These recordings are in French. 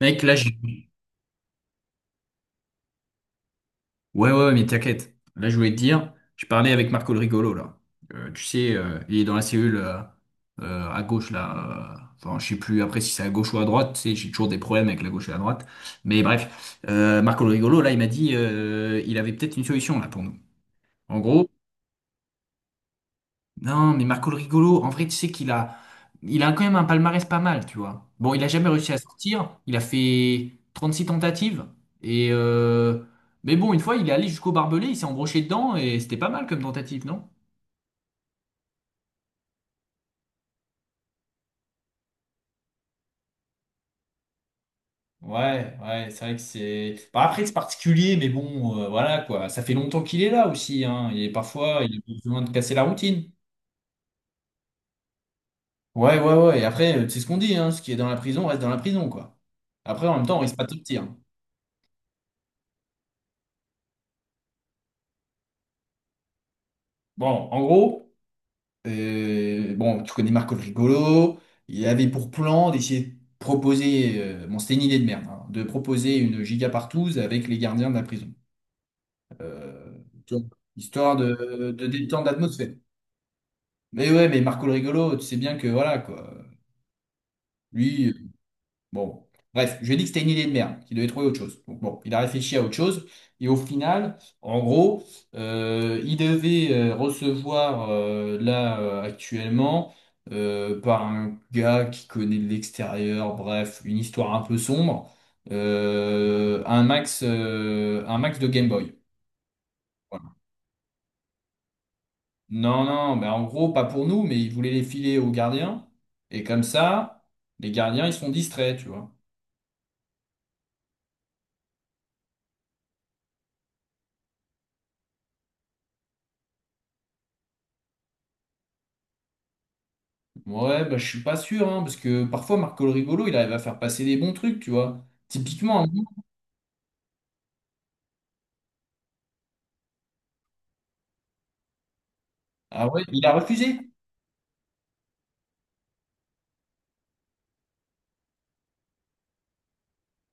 Mec, là, j'ai... Ouais, ouais, ouais, mais t'inquiète. Là, je voulais te dire, je parlais avec Marco le rigolo, là. Tu sais, il est dans la cellule à gauche, là. Enfin, je sais plus après si c'est à gauche ou à droite. Tu sais, j'ai toujours des problèmes avec la gauche et la droite. Mais bref, Marco le rigolo, là, il m'a dit, il avait peut-être une solution, là, pour nous. En gros. Non, mais Marco le Rigolo, en vrai, tu sais qu'il a quand même un palmarès pas mal, tu vois. Bon, il a jamais réussi à sortir. Il a fait 36 tentatives. Et mais bon, une fois, il est allé jusqu'au barbelé, il s'est embroché dedans et c'était pas mal comme tentative, non? Ouais, ouais, c'est vrai que c'est. Bah, après, c'est particulier, mais bon, voilà quoi. Ça fait longtemps qu'il est là aussi, hein. Et parfois, il a besoin de casser la routine. Ouais, ouais, ouais. Et après, c'est ce qu'on dit, hein. Ce qui est dans la prison reste dans la prison, quoi. Après, en même temps, on risque pas de sortir. Bon, en gros. Bon, tu connais Marco le Rigolo. Il avait pour plan d'essayer de proposer, bon, c'était une idée de merde, hein, de proposer une giga partouze avec les gardiens de la prison. Euh, Tu vois, histoire de détendre l'atmosphère. Mais ouais, mais Marco le Rigolo, tu sais bien que voilà, quoi. Lui. Bon, bon. Bref, je lui ai dit que c'était une idée de merde, qu'il devait trouver autre chose. Donc bon, il a réfléchi à autre chose, et au final, en gros, il devait recevoir là actuellement par un gars qui connaît de l'extérieur, bref, une histoire un peu sombre, un max de Game Boy. Voilà. Non, non, mais en gros, pas pour nous, mais il voulait les filer aux gardiens, et comme ça, les gardiens, ils sont distraits, tu vois. Ouais, bah, je suis pas sûr, hein, parce que parfois Marco le Rigolo, il arrive à faire passer des bons trucs, tu vois. Typiquement, un moment- Ah ouais, il a refusé.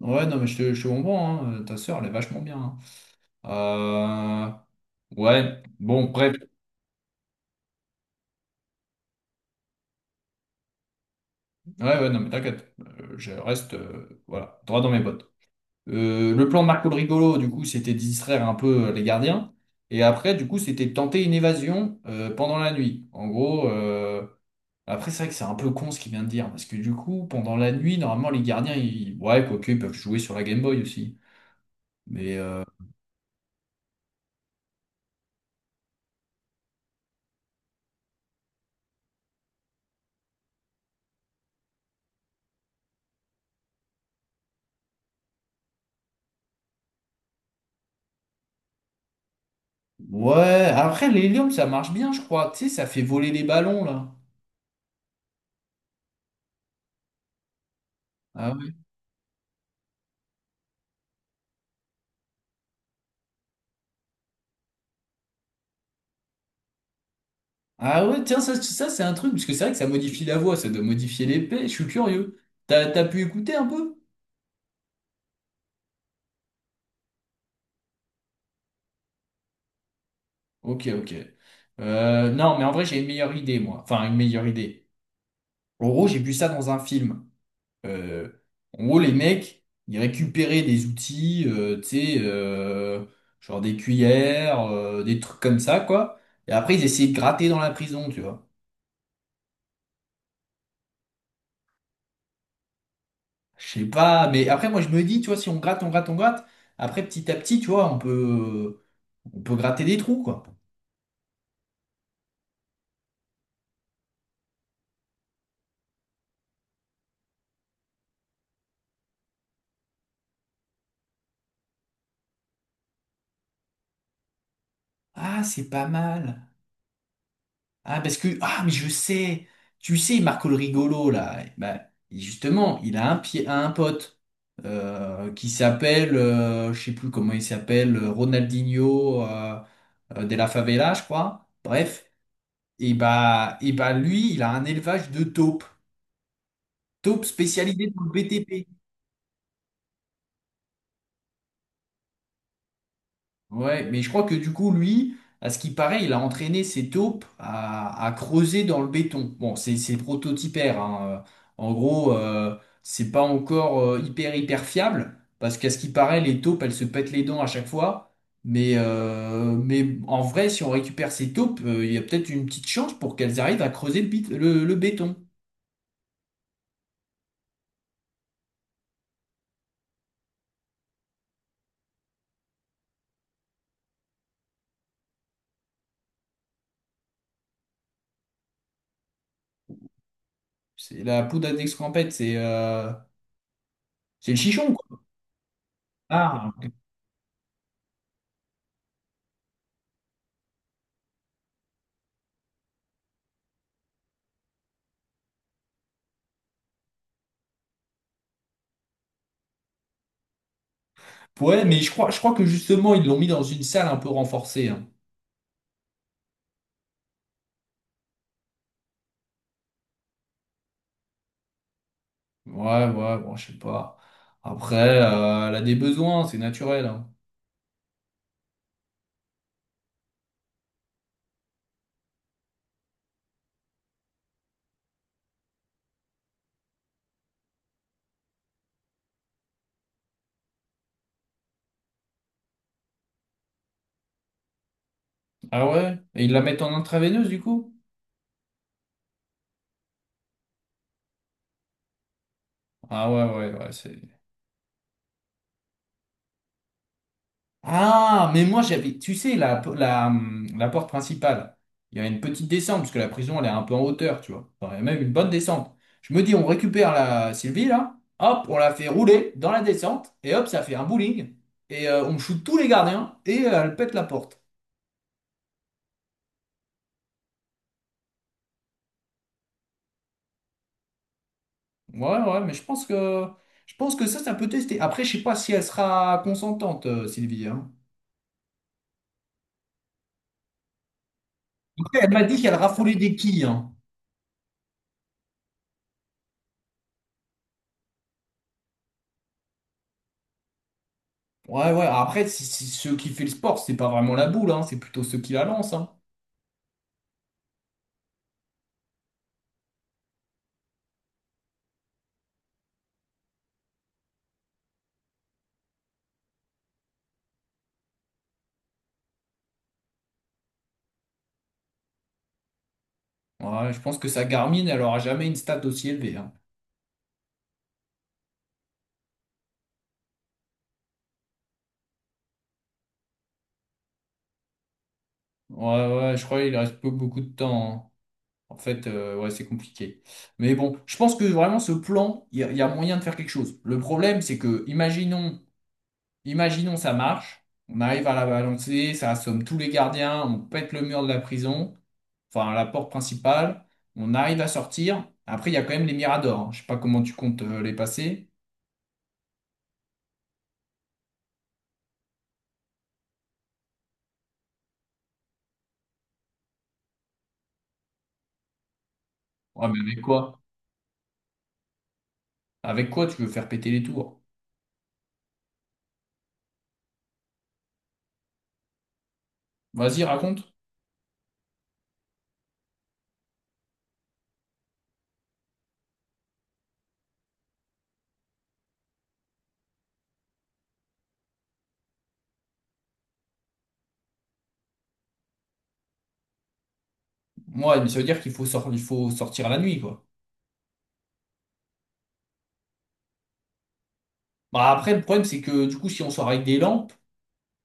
Ouais, non, mais je te comprends, hein, ta sœur, elle est vachement bien. Hein. Euh, Ouais, bon, bref. Ouais, ouais, non, mais t'inquiète, je reste, voilà, droit dans mes bottes. Le plan de Marco le Rigolo, du coup, c'était de distraire un peu les gardiens. Et après, du coup, c'était de tenter une évasion pendant la nuit. En gros. Après, c'est vrai que c'est un peu con ce qu'il vient de dire, parce que du coup, pendant la nuit, normalement, les gardiens, ils... ouais, quoique, ils peuvent jouer sur la Game Boy aussi. Mais ouais, après, l'hélium, ça marche bien, je crois. Tu sais, ça fait voler les ballons, là. Ah ouais. Ah ouais, tiens, ça c'est un truc, parce que c'est vrai que ça modifie la voix, ça doit modifier l'épée, je suis curieux. T'as pu écouter un peu? Ok, ok. Non, mais en vrai, j'ai une meilleure idée, moi. Enfin, une meilleure idée. En gros, j'ai vu ça dans un film. Euh, En gros, les mecs, ils récupéraient des outils, tu sais, genre des cuillères, des trucs comme ça, quoi. Et après, ils essayaient de gratter dans la prison, tu vois. Je sais pas, mais après, moi, je me dis, tu vois, si on gratte, on gratte, on gratte, après, petit à petit, tu vois, on peut gratter des trous, quoi. Ah, c'est pas mal. Ah, parce que, ah, mais je sais, tu sais, Marco le rigolo, là, bah, justement, il a un pied, à un pote qui s'appelle, je sais plus comment il s'appelle, Ronaldinho de la Favela, je crois. Bref, et bah, lui, il a un élevage de taupes, taupes spécialisées dans le BTP. Ouais, mais je crois que du coup, lui, à ce qui paraît, il a entraîné ses taupes à creuser dans le béton. Bon, c'est prototypaire, hein. En gros, c'est pas encore hyper hyper fiable, parce qu'à ce qui paraît, les taupes, elles se pètent les dents à chaque fois. Mais en vrai, si on récupère ces taupes, il y a peut-être une petite chance pour qu'elles arrivent à creuser le béton. C'est la poudre à d'escampette, c'est le chichon, quoi. Ah, ok. Ouais, mais je crois que justement, ils l'ont mis dans une salle un peu renforcée. Hein. Ouais, ouais, bon, je sais pas. Après, elle a des besoins, c'est naturel. Hein. Ah ouais? Et ils la mettent en intraveineuse, du coup? Ah ouais, ouais, ouais, c'est... Ah, mais moi, j'avais... Tu sais, la porte principale, il y a une petite descente, parce que la prison, elle est un peu en hauteur, tu vois. Enfin, il y a même une bonne descente. Je me dis, on récupère la Sylvie, là, hop, on la fait rouler dans la descente, et hop, ça fait un bowling, et on shoot tous les gardiens, et elle pète la porte. Ouais, ouais, mais je pense que ça, ça peut tester. Après, je sais pas si elle sera consentante, Sylvie. Hein. Après, elle m'a dit qu'elle raffolait des quilles. Hein. Ouais, ouais. Après, si ceux qui fait le sport, c'est pas vraiment la boule, hein, c'est plutôt ceux qui la lancent. Hein. Ouais, je pense que sa Garmin, elle aura jamais une stat aussi élevée. Hein. Ouais, ouais, je crois qu'il reste beaucoup de temps. Hein. En fait, ouais, c'est compliqué. Mais bon, je pense que vraiment ce plan, il y a moyen de faire quelque chose. Le problème, c'est que, imaginons. Imaginons ça marche, on arrive à la balancer, ça assomme tous les gardiens, on pète le mur de la prison, enfin la porte principale, on arrive à sortir. Après, il y a quand même les miradors. Hein. Je sais pas comment tu comptes les passer. Ouais, mais avec quoi? Avec quoi tu veux faire péter les tours? Vas-y, raconte. Moi, mais ça veut dire qu'il faut il faut sortir la nuit, quoi. Bah après, le problème, c'est que du coup, si on sort avec des lampes,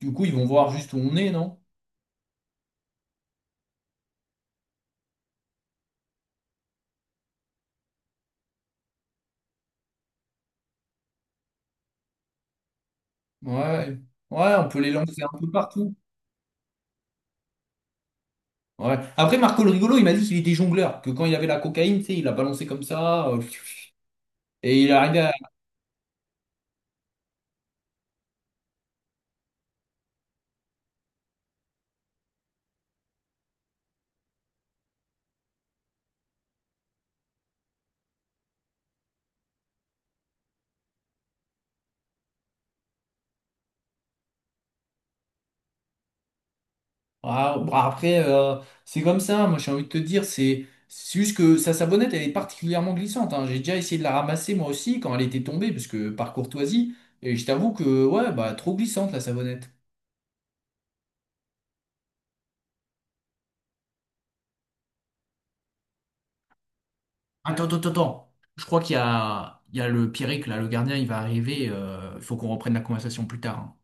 du coup, ils vont voir juste où on est, non? Ouais. Ouais, on peut les lancer un peu partout. Ouais. Après, Marco le rigolo, il m'a dit qu'il était jongleur, que quand il avait la cocaïne, tu sais, il a balancé comme ça, et il est arrivé à... Ah, bah, après, c'est comme ça, moi j'ai envie de te dire, c'est juste que sa sabonnette, elle est particulièrement glissante, hein. J'ai déjà essayé de la ramasser moi aussi quand elle était tombée, parce que par courtoisie, et je t'avoue que, ouais, bah, trop glissante la sabonnette. Attends, attends, attends. Attends. Je crois qu'il y a le Pierrick, là, le gardien, il va arriver. Il faut qu'on reprenne la conversation plus tard. Hein.